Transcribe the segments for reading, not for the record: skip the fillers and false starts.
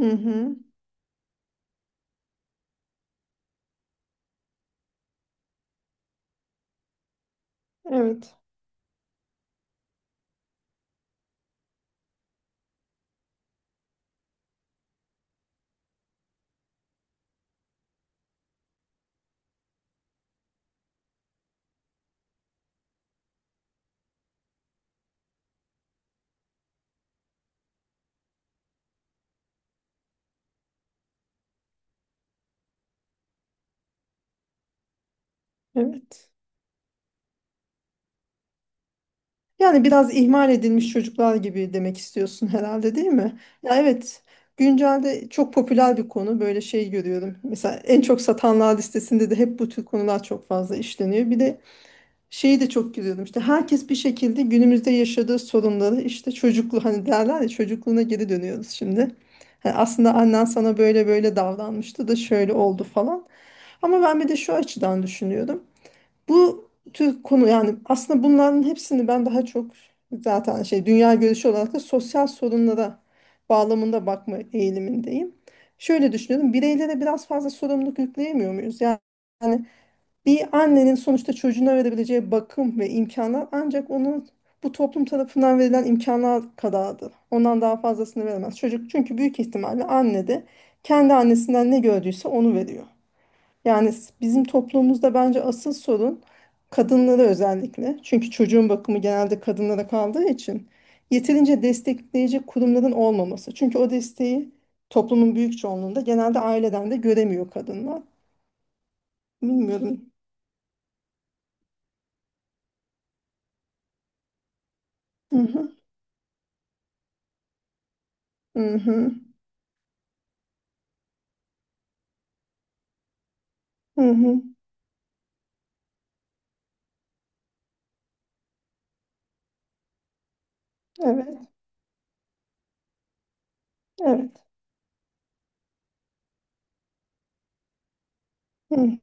Hı hı. Evet, evet. Yani biraz ihmal edilmiş çocuklar gibi demek istiyorsun herhalde, değil mi? Ya evet. Güncelde çok popüler bir konu. Böyle şey görüyorum. Mesela en çok satanlar listesinde de hep bu tür konular çok fazla işleniyor. Bir de şeyi de çok gülüyordum, işte herkes bir şekilde günümüzde yaşadığı sorunları, işte çocuklu, hani derler ya, çocukluğuna geri dönüyoruz şimdi. Hani aslında annen sana böyle böyle davranmıştı da şöyle oldu falan. Ama ben bir de şu açıdan düşünüyorum. Bu tür konu, yani aslında bunların hepsini ben daha çok zaten, şey, dünya görüşü olarak da sosyal sorunlara bağlamında bakma eğilimindeyim. Şöyle düşünüyorum, bireylere biraz fazla sorumluluk yükleyemiyor muyuz? Yani bir annenin sonuçta çocuğuna verebileceği bakım ve imkanlar ancak onun bu toplum tarafından verilen imkanlar kadardır. Ondan daha fazlasını veremez. Çocuk, çünkü büyük ihtimalle anne de kendi annesinden ne gördüyse onu veriyor. Yani bizim toplumumuzda bence asıl sorun kadınlara, özellikle. Çünkü çocuğun bakımı genelde kadınlara kaldığı için yeterince destekleyici kurumların olmaması. Çünkü o desteği toplumun büyük çoğunluğunda genelde aileden de göremiyor kadınlar. Bilmiyorum. Hı hı. Hı hı. Hı hı. Evet. Evet. Hı.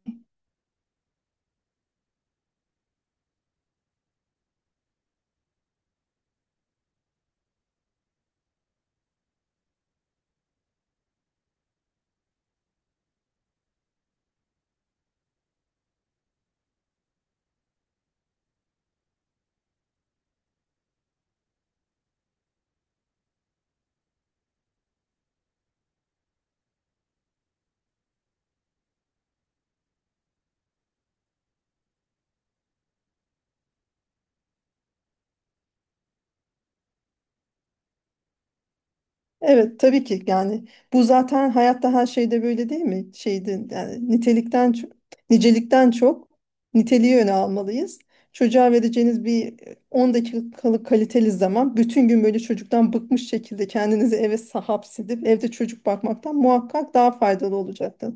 Evet, tabii ki. Yani bu zaten hayatta her şeyde böyle değil mi? Şeyde, yani nitelikten çok, nicelikten çok niteliği öne almalıyız. Çocuğa vereceğiniz bir 10 dakikalık kaliteli zaman, bütün gün böyle çocuktan bıkmış şekilde kendinizi eve hapsedip evde çocuk bakmaktan muhakkak daha faydalı olacaktır.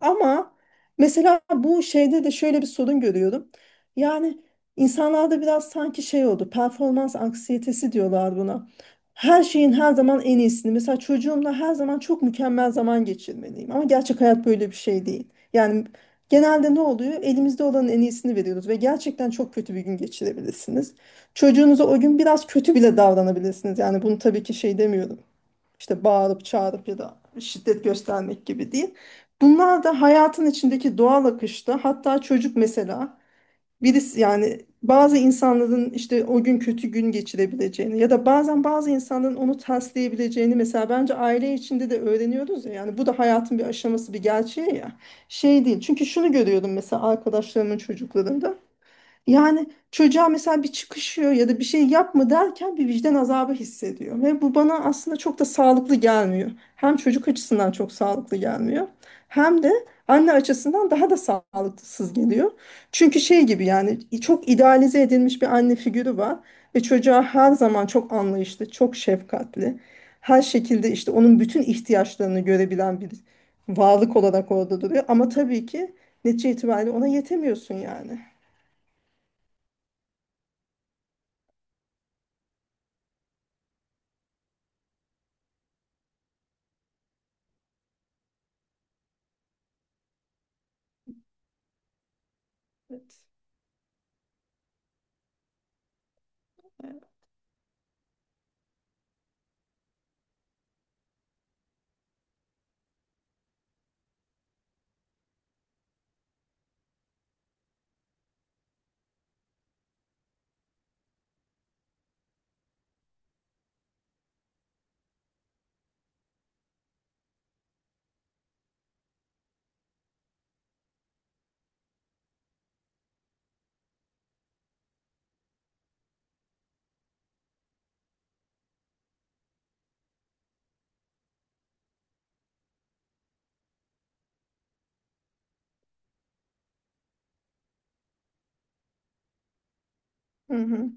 Ama mesela bu şeyde de şöyle bir sorun görüyorum. Yani insanlarda biraz sanki şey oldu, performans anksiyetesi diyorlar buna. Her şeyin her zaman en iyisini. Mesela çocuğumla her zaman çok mükemmel zaman geçirmeliyim. Ama gerçek hayat böyle bir şey değil. Yani genelde ne oluyor? Elimizde olanın en iyisini veriyoruz ve gerçekten çok kötü bir gün geçirebilirsiniz. Çocuğunuza o gün biraz kötü bile davranabilirsiniz. Yani bunu tabii ki şey demiyorum. İşte bağırıp çağırıp ya da şiddet göstermek gibi değil. Bunlar da hayatın içindeki doğal akışta, hatta çocuk mesela birisi, yani bazı insanların işte o gün kötü gün geçirebileceğini ya da bazen bazı insanların onu tersleyebileceğini mesela bence aile içinde de öğreniyoruz ya, yani bu da hayatın bir aşaması, bir gerçeği ya. Şey değil, çünkü şunu görüyordum mesela arkadaşlarımın çocuklarında, yani çocuğa mesela bir çıkışıyor ya da bir şey yapma derken bir vicdan azabı hissediyor. Ve bu bana aslında çok da sağlıklı gelmiyor. Hem çocuk açısından çok sağlıklı gelmiyor. Hem de anne açısından daha da sağlıksız geliyor. Çünkü şey gibi, yani çok idealize edilmiş bir anne figürü var. Ve çocuğa her zaman çok anlayışlı, çok şefkatli. Her şekilde işte onun bütün ihtiyaçlarını görebilen bir varlık olarak orada duruyor. Ama tabii ki netice itibariyle ona yetemiyorsun yani. Evet. Evet. Hı hı.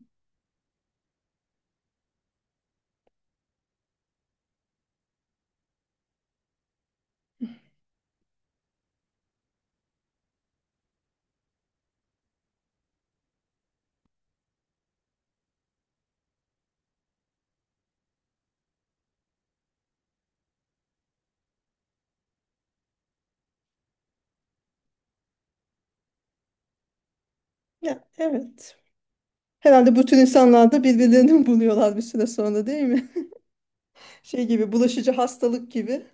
Ya evet. Herhalde bütün insanlar da birbirlerini buluyorlar bir süre sonra, değil mi? Şey gibi, bulaşıcı hastalık gibi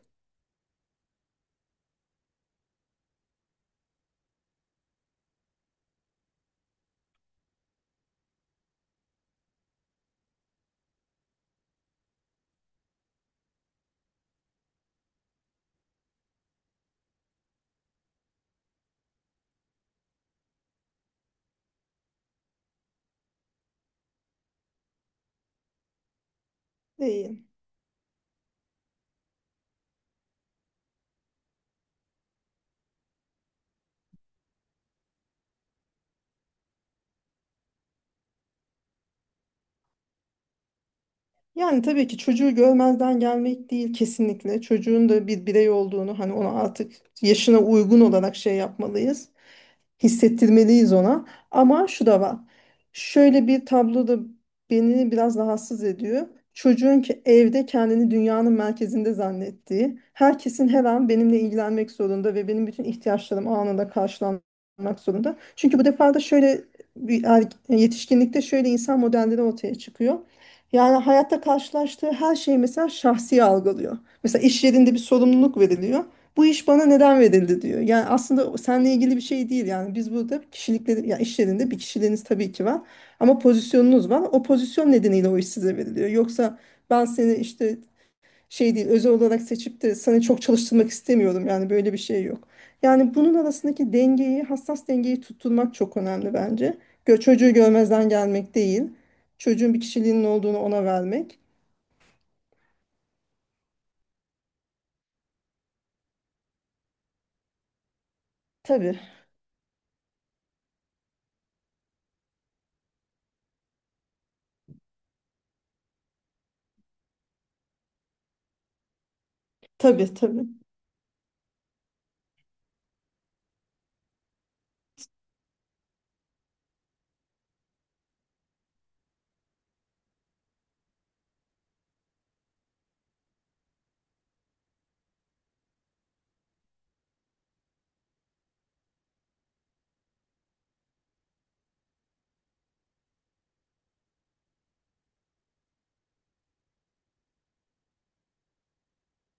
değil. Yani tabii ki çocuğu görmezden gelmek değil kesinlikle. Çocuğun da bir birey olduğunu, hani ona artık yaşına uygun olarak şey yapmalıyız, hissettirmeliyiz ona. Ama şu da var. Şöyle bir tablo da beni biraz rahatsız ediyor. Çocuğun ki evde kendini dünyanın merkezinde zannettiği, herkesin her an benimle ilgilenmek zorunda ve benim bütün ihtiyaçlarım anında karşılanmak zorunda. Çünkü bu defa da şöyle bir yetişkinlikte şöyle insan modelleri ortaya çıkıyor. Yani hayatta karşılaştığı her şeyi mesela şahsi algılıyor. Mesela iş yerinde bir sorumluluk veriliyor, bu iş bana neden verildi diyor. Yani aslında seninle ilgili bir şey değil. Yani biz burada kişilikleri, ya işlerinde bir kişiliğiniz tabii ki var. Ama pozisyonunuz var. O pozisyon nedeniyle o iş size veriliyor. Yoksa ben seni işte şey değil, özel olarak seçip de sana çok çalıştırmak istemiyorum. Yani böyle bir şey yok. Yani bunun arasındaki dengeyi, hassas dengeyi tutturmak çok önemli bence. Çocuğu görmezden gelmek değil. Çocuğun bir kişiliğinin olduğunu ona vermek. Tabii, tabii, tabii.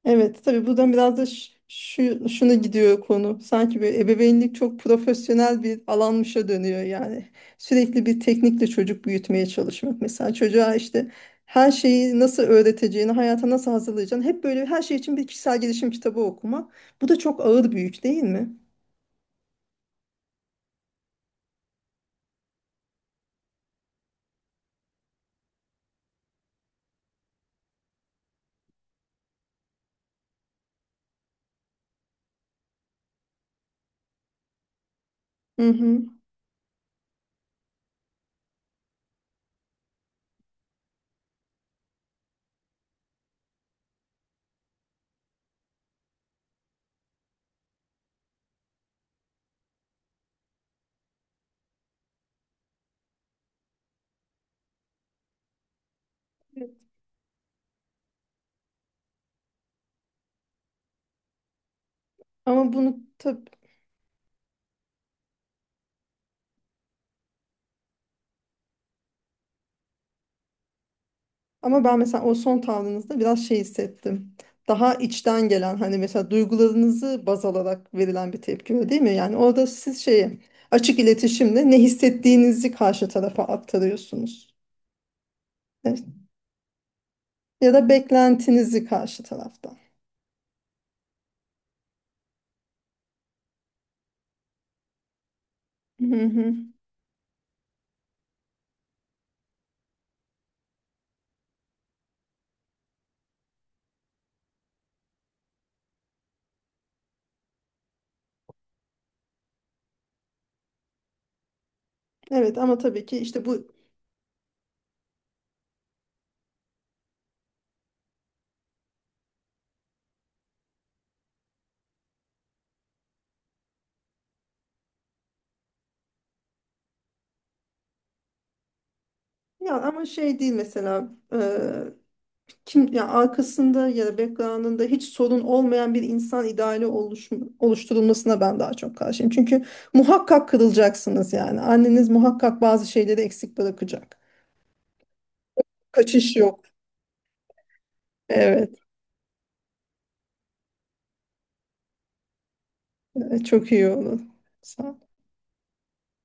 Evet, tabii buradan biraz da ş- şu şuna gidiyor konu. Sanki böyle ebeveynlik çok profesyonel bir alanmışa dönüyor yani. Sürekli bir teknikle çocuk büyütmeye çalışmak. Mesela çocuğa işte her şeyi nasıl öğreteceğini, hayata nasıl hazırlayacağını hep böyle her şey için bir kişisel gelişim kitabı okumak. Bu da çok ağır bir yük değil mi? Hı hı. Ama bunu tabii ama ben mesela o son tavrınızda biraz şey hissettim. Daha içten gelen, hani mesela duygularınızı baz alarak verilen bir tepki, öyle değil mi? Yani orada siz şeyi açık iletişimle ne hissettiğinizi karşı tarafa aktarıyorsunuz. Evet. Ya da beklentinizi karşı taraftan. Hı hı. Evet, ama tabii ki işte bu, ya, ama şey değil mesela. Kim, ya arkasında ya da background'ında hiç sorun olmayan bir insan ideali oluşturulmasına ben daha çok karşıyım. Çünkü muhakkak kırılacaksınız yani. Anneniz muhakkak bazı şeyleri eksik bırakacak. Kaçış yok. Evet. Evet, çok iyi olur. Sağ